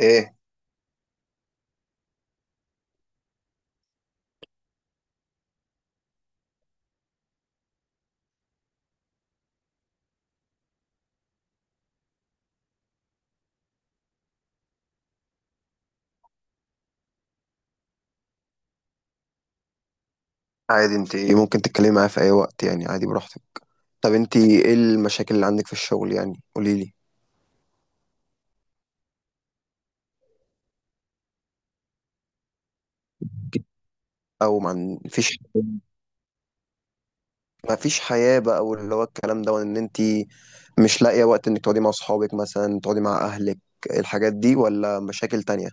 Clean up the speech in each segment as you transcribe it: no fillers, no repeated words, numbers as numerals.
ايه. عادي انت ممكن تتكلمي معايا في اي وقت، يعني عادي براحتك. طب انت ايه المشاكل اللي عندك في الشغل؟ يعني قولي لي. او ما فيش؟ ما فيش حياة بقى واللي هو الكلام ده وان انت مش لاقية وقت انك تقعدي مع اصحابك مثلا، تقعدي مع اهلك، الحاجات دي، ولا مشاكل تانية؟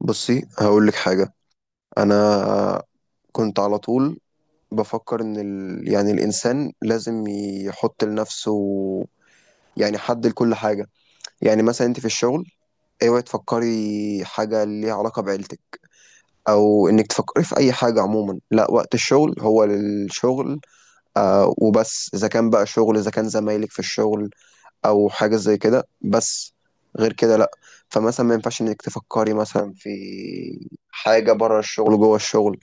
بصي، هقول لك حاجة. انا كنت على طول بفكر ان يعني الانسان لازم يحط لنفسه، يعني حد لكل حاجة. يعني مثلا انت في الشغل، اوعي تفكري حاجة ليها علاقة بعيلتك، أو إنك تفكري في أي حاجة عموما. لا، وقت الشغل هو للشغل، وبس. إذا كان بقى شغل، إذا كان زمايلك في الشغل أو حاجة زي كده، بس. غير كده لا. فمثلا ما ينفعش إنك تفكري مثلا في حاجة بره الشغل جوه الشغل،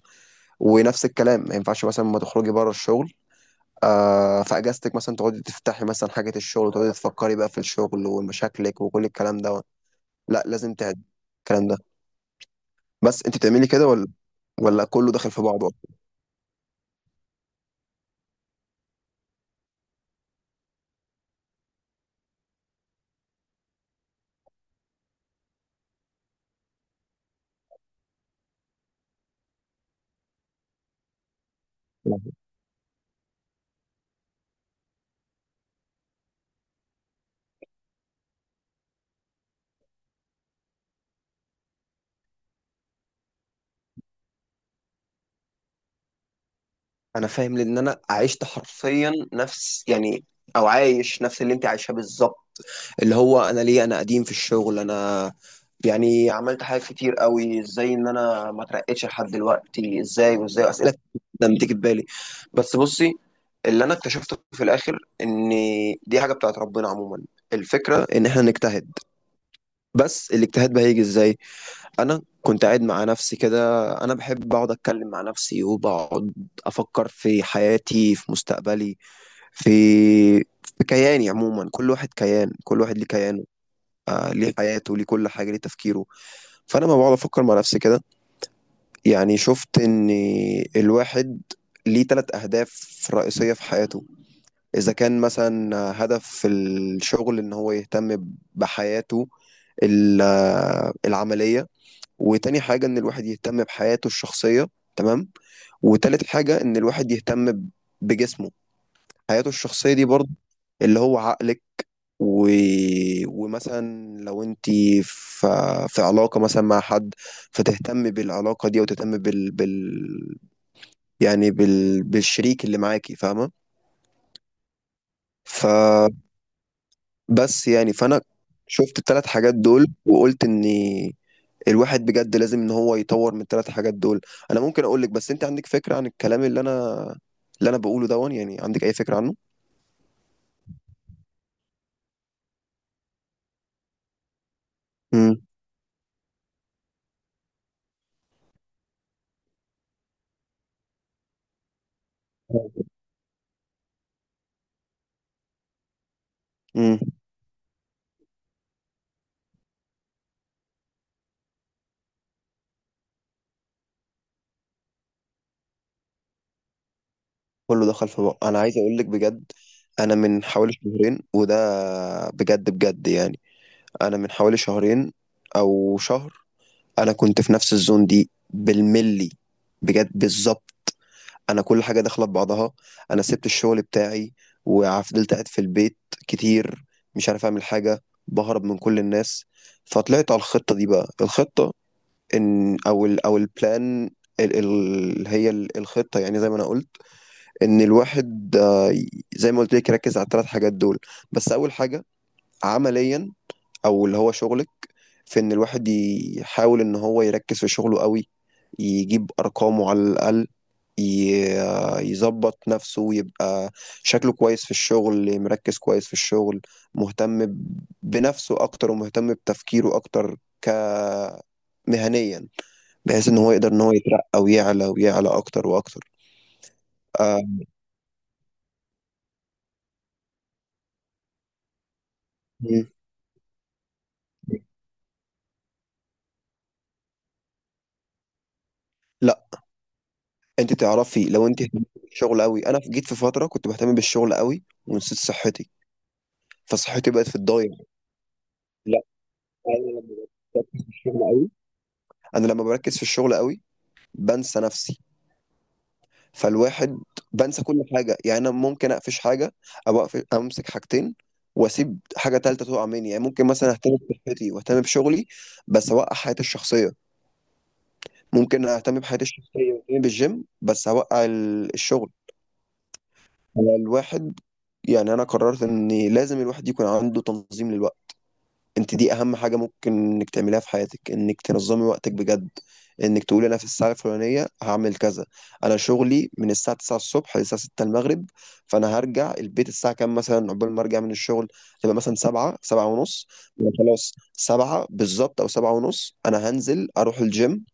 ونفس الكلام ما ينفعش مثلا ما تخرجي بره الشغل، في اجازتك مثلا تقعدي تفتحي مثلا حاجة الشغل وتقعدي تفكري بقى في الشغل ومشاكلك وكل الكلام ده. لا، لازم تعد الكلام ده. بس انت بتعملي كده ولا كله داخل في بعضه؟ انا فاهم، لان انا عشت حرفيا نفس، يعني او عايش نفس اللي انت عايشاه بالظبط. اللي هو انا ليه انا قديم في الشغل، انا يعني عملت حاجات كتير قوي، ازاي ان انا ما اترقتش لحد دلوقتي، ازاي؟ وازاي اسئله كتير جدا بتيجي في بالي. بس بصي، اللي انا اكتشفته في الاخر ان دي حاجه بتاعت ربنا عموما. الفكره ان احنا نجتهد، بس الاجتهاد بقى هيجي ازاي؟ انا كنت قاعد مع نفسي كده، انا بحب اقعد اتكلم مع نفسي وبقعد افكر في حياتي، في مستقبلي، في في كياني عموما. كل واحد كيان، كل واحد ليه كيانه، ليه حياته، ليه كل حاجه، ليه تفكيره. فانا ما بقعد افكر مع نفسي كده، يعني شفت ان الواحد ليه 3 اهداف رئيسيه في حياته. اذا كان مثلا هدف في الشغل ان هو يهتم بحياته العمليه، وتاني حاجة إن الواحد يهتم بحياته الشخصية، تمام، وتالت حاجة إن الواحد يهتم بجسمه. حياته الشخصية دي برضه اللي هو عقلك، و... ومثلا لو انت في في علاقة مثلا مع حد، فتهتم بالعلاقة دي وتهتم بالشريك اللي معاكي، فاهمة؟ فبس. يعني فأنا شفت الثلاث حاجات دول، وقلت اني الواحد بجد لازم ان هو يطور من الثلاث حاجات دول. انا ممكن اقول لك، بس انت عندك فكرة عن الكلام اللي انا بقوله دون؟ يعني عندك اي فكرة عنه؟ امم امم كله دخل في بعض. انا عايز اقول لك بجد، انا من حوالي 2 شهرين، وده بجد بجد يعني، انا من حوالي شهرين او شهر، انا كنت في نفس الزون دي بالملي، بجد بالظبط. انا كل حاجه داخله ببعضها، انا سبت الشغل بتاعي وفضلت قاعد في البيت كتير، مش عارف اعمل حاجه، بهرب من كل الناس. فطلعت على الخطه دي. بقى الخطه ان، او ال او البلان، الخطه يعني زي ما انا قلت، ان الواحد، زي ما قلت لك، يركز على الثلاث حاجات دول. بس اول حاجه عمليا، او اللي هو شغلك، في ان الواحد يحاول ان هو يركز في شغله قوي، يجيب ارقامه على الاقل، يظبط نفسه ويبقى شكله كويس في الشغل، مركز كويس في الشغل، مهتم بنفسه أكتر ومهتم بتفكيره أكتر ك مهنيا، بحيث إن هو يقدر إن هو يترقى ويعلى ويعلى أكتر وأكتر. آه، م. لا، انت تعرفي لو انت اهتمتي بالشغل قوي، انا جيت في فتره كنت بهتم بالشغل قوي ونسيت صحتي، فصحتي بقت في الضايع. لا، انا لما بركز في الشغل قوي، انا لما بركز في الشغل قوي بنسى نفسي. فالواحد بنسى كل حاجة، يعني أنا ممكن أقفش حاجة، أو أمسك حاجتين وأسيب حاجة تالتة تقع مني. يعني ممكن مثلا أهتم بصحتي وأهتم بشغلي بس أوقع حياتي الشخصية، ممكن أهتم بحياتي الشخصية وأهتم بالجيم بس أوقع الشغل. الواحد، يعني أنا قررت إن لازم الواحد يكون عنده تنظيم للوقت. انت دي اهم حاجه ممكن انك تعمليها في حياتك، انك تنظمي وقتك بجد، انك تقولي انا في الساعه الفلانيه هعمل كذا. انا شغلي من الساعه 9 الصبح للساعه 6 المغرب. فانا هرجع البيت الساعه كام مثلا؟ عقبال ما ارجع من الشغل تبقى مثلا 7، 7 ونص. يبقى خلاص 7 بالظبط او 7 ونص انا هنزل اروح الجيم.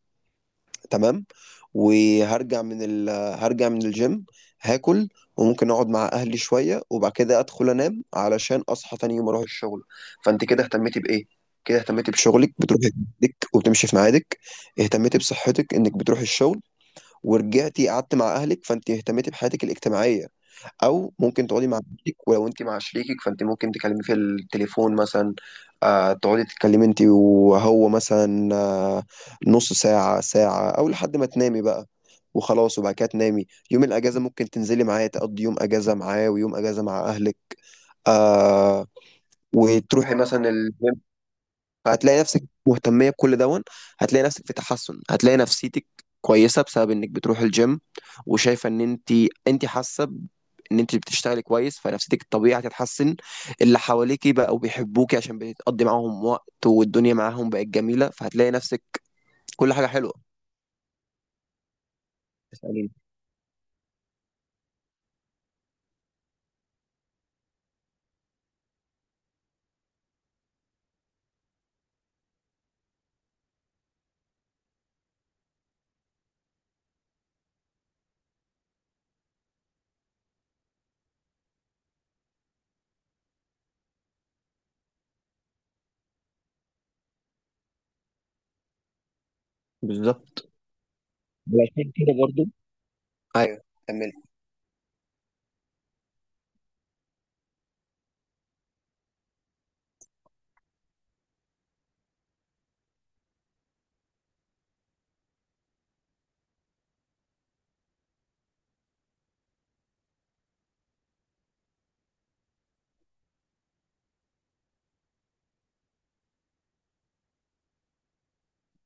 تمام. وهرجع من هرجع من الجيم، هاكل، وممكن اقعد مع اهلي شويه، وبعد كده ادخل انام علشان اصحى تاني يوم اروح الشغل. فانت كده اهتمتي بايه؟ كده اهتمتي بشغلك، بتروحي ميعادك وبتمشي في ميعادك. اهتمتي بصحتك انك بتروحي الشغل، ورجعتي قعدت مع اهلك فانت اهتمتي بحياتك الاجتماعيه، او ممكن تقعدي مع شريكك. ولو انت مع شريكك فانت ممكن تكلمي في التليفون مثلا، تقعدي تتكلمي انت وهو مثلا، نص ساعة، ساعة، او لحد ما تنامي بقى، وخلاص. وبعد كده تنامي. يوم الاجازة ممكن تنزلي معاه تقضي يوم اجازة معاه، ويوم اجازة مع اهلك، آه وتروحي مثلا الجيم. فهتلاقي نفسك مهتمية بكل دون، هتلاقي نفسك في تحسن، هتلاقي نفسيتك كويسة بسبب انك بتروح الجيم، وشايفة ان انت حاسة ان انت بتشتغلي كويس، فنفسيتك الطبيعي هتتحسن. اللي حواليكي بقوا بيحبوكي عشان بتقضي معاهم وقت، والدنيا معاهم بقت جميلة، فهتلاقي نفسك كل حاجة حلوة. تسأليني. بالظبط علشان كده برضو. ايوه، كملي.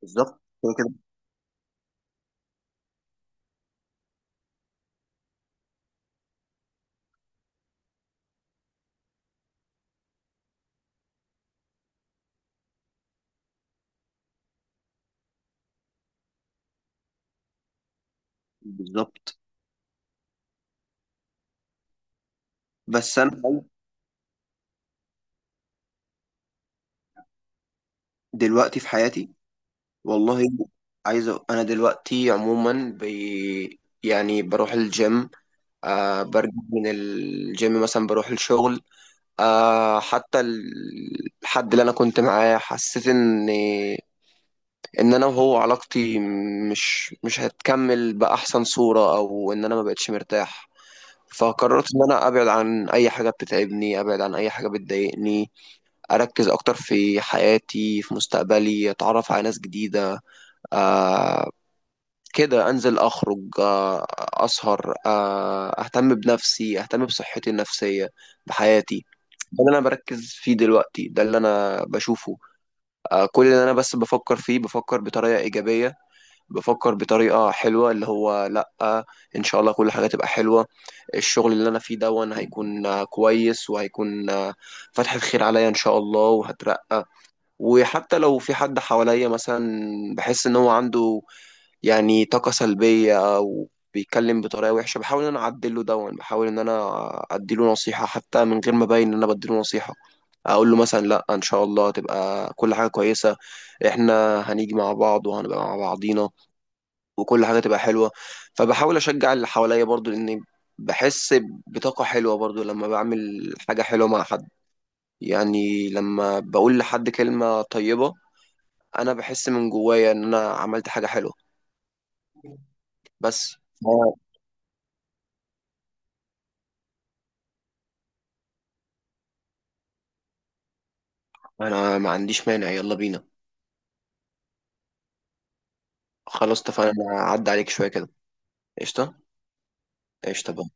بالظبط كده كده، بالظبط. بس انا دلوقتي في حياتي، والله، انا دلوقتي عموما يعني بروح الجيم، برجع من الجيم مثلا بروح الشغل. حتى الحد اللي انا كنت معاه حسيت ان انا وهو علاقتي مش هتكمل باحسن صورة، او ان انا ما بقتش مرتاح. فقررت ان انا ابعد عن اي حاجة بتتعبني، ابعد عن اي حاجة بتضايقني، اركز اكتر في حياتي، في مستقبلي، اتعرف على ناس جديدة، آه، كده انزل اخرج، اسهر، اهتم بنفسي، اهتم بصحتي النفسية، بحياتي. ده اللي انا بركز فيه دلوقتي، ده اللي انا بشوفه. كل اللي انا بس بفكر فيه، بفكر بطريقة ايجابية، بفكر بطريقة حلوة، اللي هو لا، ان شاء الله كل حاجة تبقى حلوة. الشغل اللي انا فيه دون هيكون كويس، وهيكون فتحة خير عليا ان شاء الله، وهترقى. وحتى لو في حد حواليا مثلا بحس ان هو عنده يعني طاقة سلبية أو بيتكلم بطريقة وحشة، بحاول إن أنا أعدله دون، بحاول إن أنا أديله نصيحة حتى من غير ما أبين إن أنا بديله نصيحة. أقول له مثلا لأ، إن شاء الله هتبقى كل حاجة كويسة، إحنا هنيجي مع بعض وهنبقى مع بعضينا، وكل حاجة تبقى حلوة. فبحاول أشجع اللي حواليا برضو، لأن بحس بطاقة حلوة برضو لما بعمل حاجة حلوة مع حد، يعني لما بقول لحد كلمة طيبة أنا بحس من جوايا إن أنا عملت حاجة حلوة. بس انا ما عنديش مانع، يلا بينا. خلاص اتفقنا، انا هعدي عليك شويه كده. قشطه. قشطه. باي.